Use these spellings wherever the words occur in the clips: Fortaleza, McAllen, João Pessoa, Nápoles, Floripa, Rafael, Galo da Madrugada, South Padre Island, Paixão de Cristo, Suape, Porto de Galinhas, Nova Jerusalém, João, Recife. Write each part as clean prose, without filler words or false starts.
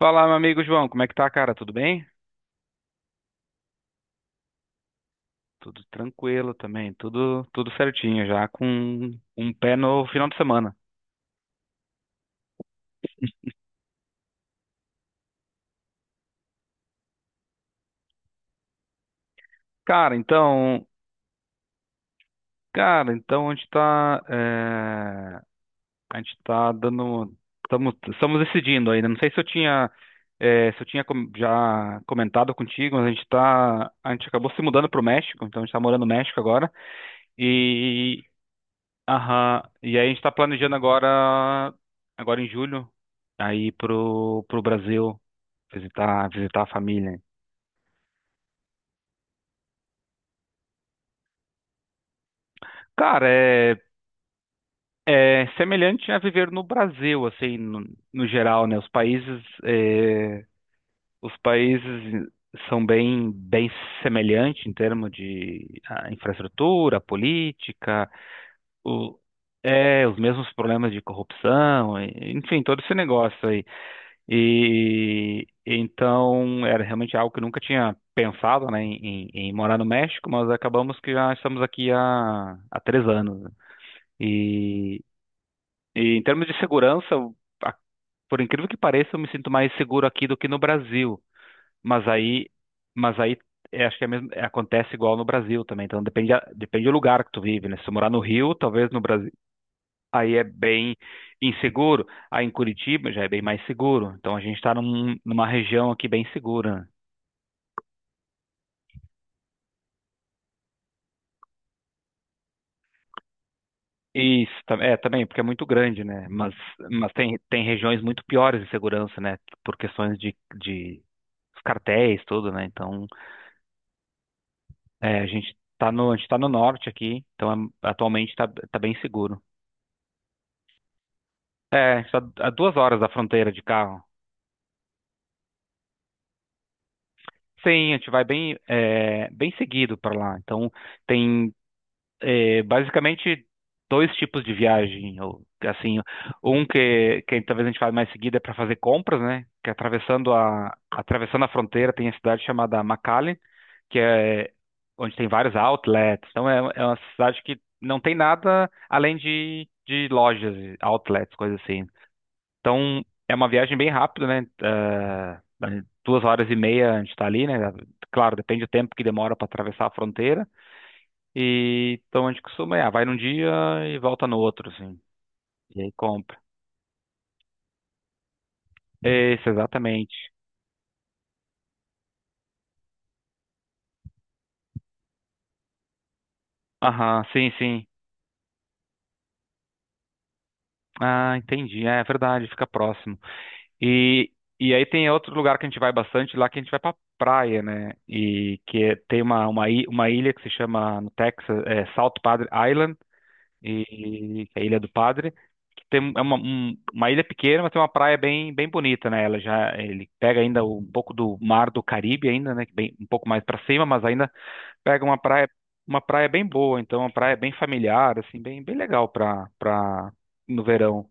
Fala, meu amigo João, como é que tá, cara? Tudo bem? Tudo tranquilo também, tudo certinho, já com um pé no final de semana. Cara, então, cara, então a gente tá, a gente tá dando, estamos decidindo ainda. Não sei se eu tinha, é, Se eu tinha já comentado contigo, mas a gente acabou se mudando pro México, então a gente tá morando no México agora. Aham. E aí a gente tá planejando agora, agora em julho, aí pro Brasil visitar a família. Cara, é semelhante a viver no Brasil, assim, no geral, né? Os países, os países são bem semelhantes em termos de infraestrutura, política, o, os mesmos problemas de corrupção, enfim, todo esse negócio. E então era realmente algo que eu nunca tinha pensado, né, em morar no México, mas acabamos que já estamos aqui há 3 anos, né. E, e em termos de segurança, a- por incrível que pareça, eu me sinto mais seguro aqui do que no Brasil. Mas aí, mas aí acho que é mesmo, acontece igual no Brasil também. Então depende, depende do lugar que tu vive, né? Se tu morar no Rio, talvez no Brasil aí é bem inseguro. Aí em Curitiba já é bem mais seguro. Então a gente está numa região aqui bem segura. Isso, é também, porque é muito grande, né? Mas tem regiões muito piores de segurança, né? Por questões de os cartéis, tudo, né? Então, a gente tá no norte aqui, então tá bem seguro. É, a gente tá a 2 horas da fronteira de carro. Sim, a gente vai bem, bem seguido para lá. Então, tem basicamente 2 tipos de viagem, ou assim, um que talvez a gente fale mais seguida é para fazer compras, né? Que é atravessando a fronteira tem a cidade chamada McAllen, que é onde tem vários outlets. Então é uma cidade que não tem nada além de lojas, outlets, coisas assim. Então é uma viagem bem rápida, né? 2 horas e meia a gente está ali, né? Claro, depende do tempo que demora para atravessar a fronteira. Então a gente costuma, vai num dia e volta no outro, assim. E aí compra. Isso, exatamente. Aham, sim, sim. Ah, entendi. É, é verdade, fica próximo. E, e aí tem outro lugar que a gente vai bastante, lá que a gente vai pra praia, né? E tem uma ilha que se chama no Texas, South Padre Island. E que é a Ilha do Padre, que tem uma ilha pequena, mas tem uma praia bem bonita, né? Ela já ele pega ainda um pouco do mar do Caribe ainda, né? Que bem, um pouco mais para cima, mas ainda pega uma praia bem boa, então uma praia bem familiar, assim, bem legal para no verão.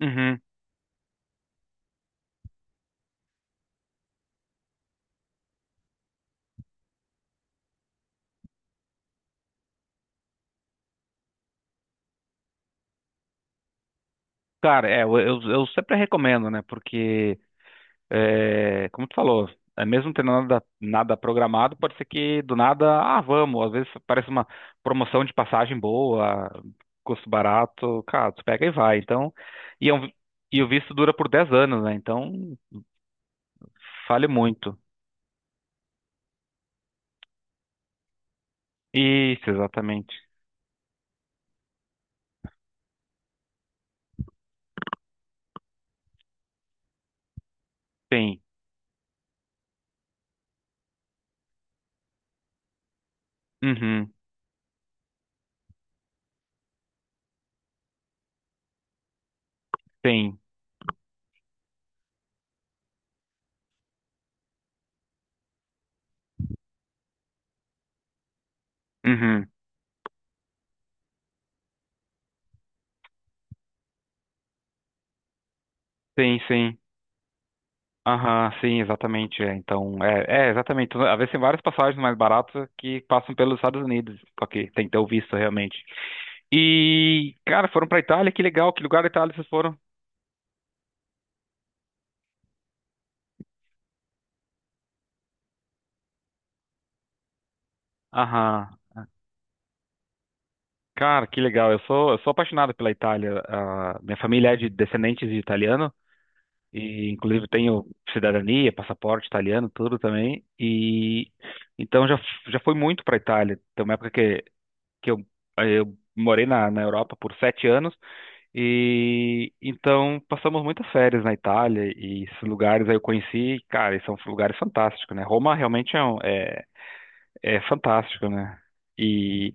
Uhum. Cara, eu sempre recomendo, né? Porque é, como tu falou, é mesmo tendo nada, nada programado, pode ser que do nada, ah, vamos. Às vezes parece uma promoção de passagem boa, custo barato, cara, tu pega e vai. Então, e, é um- e o visto dura por 10 anos, né? Então, vale muito. Isso, exatamente. Sim. Uhum. Sim. Uhum. Sim, sim. Aham, sim, exatamente. É. Então, é, é, exatamente. Então, às vezes tem várias passagens mais baratas que passam pelos Estados Unidos, só que tem que ter o visto realmente. E, cara, foram pra Itália, que legal, que lugar da Itália vocês foram? Aham. Cara, que legal. Eu sou apaixonado pela Itália. Ah, minha família é de descendentes de italiano e inclusive tenho cidadania, passaporte italiano, tudo também. E então já fui muito para Itália. Tem uma época que eu morei na Europa por 7 anos. E então passamos muitas férias na Itália e esses lugares aí eu conheci, cara, e são lugares fantásticos, né? Roma realmente é fantástico, né? E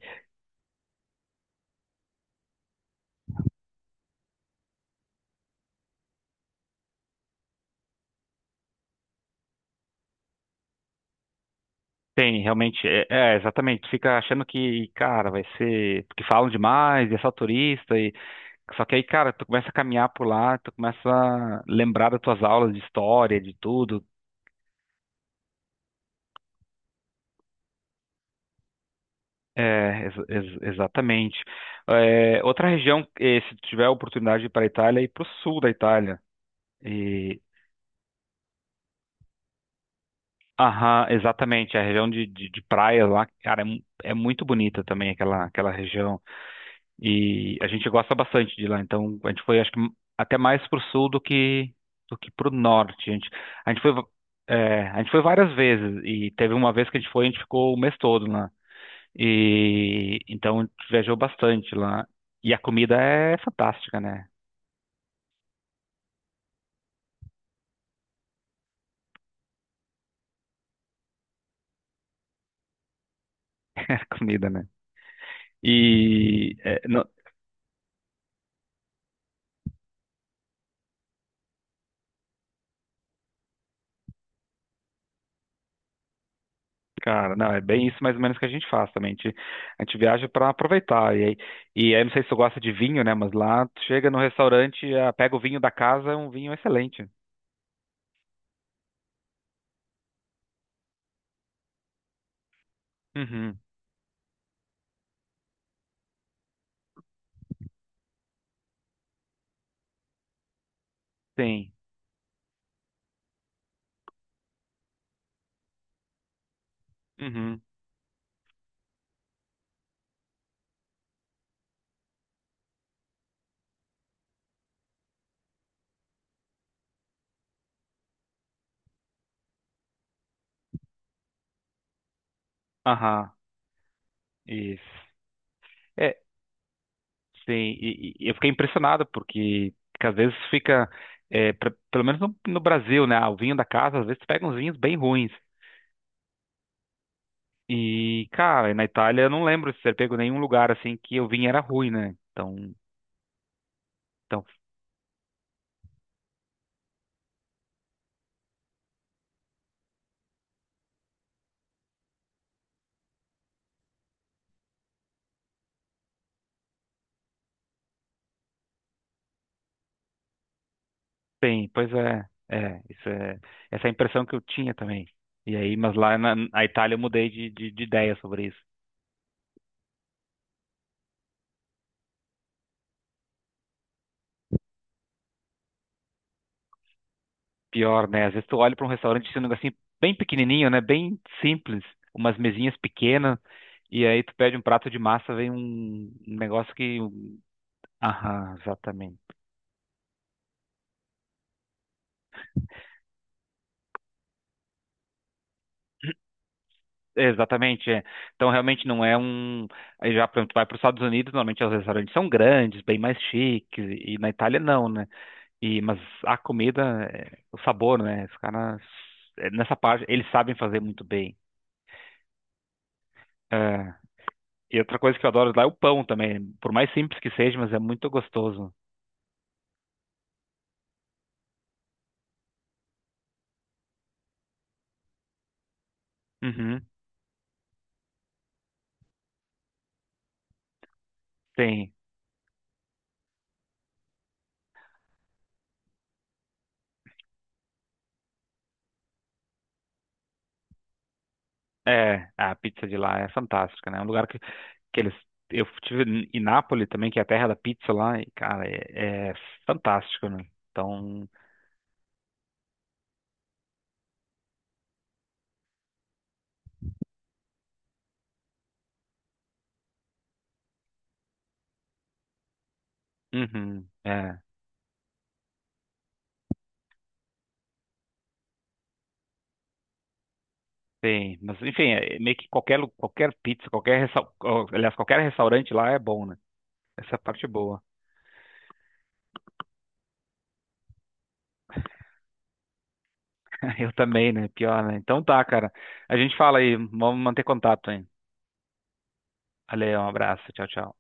tem realmente, exatamente, tu fica achando que, cara, vai ser, porque falam demais, e é só turista, e só que aí, cara, tu começa a caminhar por lá, tu começa a lembrar das tuas aulas de história, de tudo. Exatamente. É, outra região, se tu tiver a oportunidade de ir para a Itália, é ir para o sul da Itália. E, aham, exatamente. A região de praias lá, cara, é muito bonita também aquela, aquela região. E a gente gosta bastante de lá. Então, a gente foi, acho que, até mais pro sul do que pro norte. A gente foi, a gente foi várias vezes. E teve uma vez que a gente ficou o mês todo lá. E, então, a gente viajou bastante lá. E a comida é fantástica, né? A comida, né? E é, não- Cara, não, é bem isso mais ou menos que a gente faz também. A gente viaja para aproveitar. E aí, não sei se tu gosta de vinho, né? Mas lá tu chega no restaurante, ah, pega o vinho da casa, é um vinho excelente. Uhum, sim. Uhum, aham, isso. É, sim, e eu fiquei impressionado porque às vezes fica, pelo menos no Brasil, né? Ah, o vinho da casa, às vezes tu pega uns vinhos bem ruins. E, cara, na Itália eu não lembro de ter pego nenhum lugar assim que o vinho era ruim, né? Então. Então Pois é, essa é a impressão que eu tinha também. E aí, mas lá na Itália eu mudei de ideia sobre isso. Pior, né? Às vezes tu olha para um restaurante e tem um negocinho bem pequenininho, né? Bem simples, umas mesinhas pequenas, e aí tu pede um prato de massa, vem um negócio que... um, aham, exatamente. É, exatamente, é. Então realmente não é um. Aí já, por exemplo, tu vai para os Estados Unidos, normalmente os restaurantes são grandes, bem mais chiques, e na Itália não, né? Mas a comida, o sabor, né? Os caras, nessa parte, eles sabem fazer muito bem. É, e outra coisa que eu adoro lá é o pão também. Por mais simples que seja, mas é muito gostoso. Uhum, tem. É, a pizza de lá é fantástica, né? É um lugar que eles. Eu estive em Nápoles também, que é a terra da pizza lá, e, cara, é fantástico, né? Então, uhum, é, tem. Mas, enfim, é meio que qualquer, qualquer pizza, aliás, qualquer restaurante lá é bom, né? Essa é a parte boa. Eu também, né? Pior, né? Então tá, cara. A gente fala aí. Vamos manter contato, hein? Valeu, um abraço. Tchau, tchau.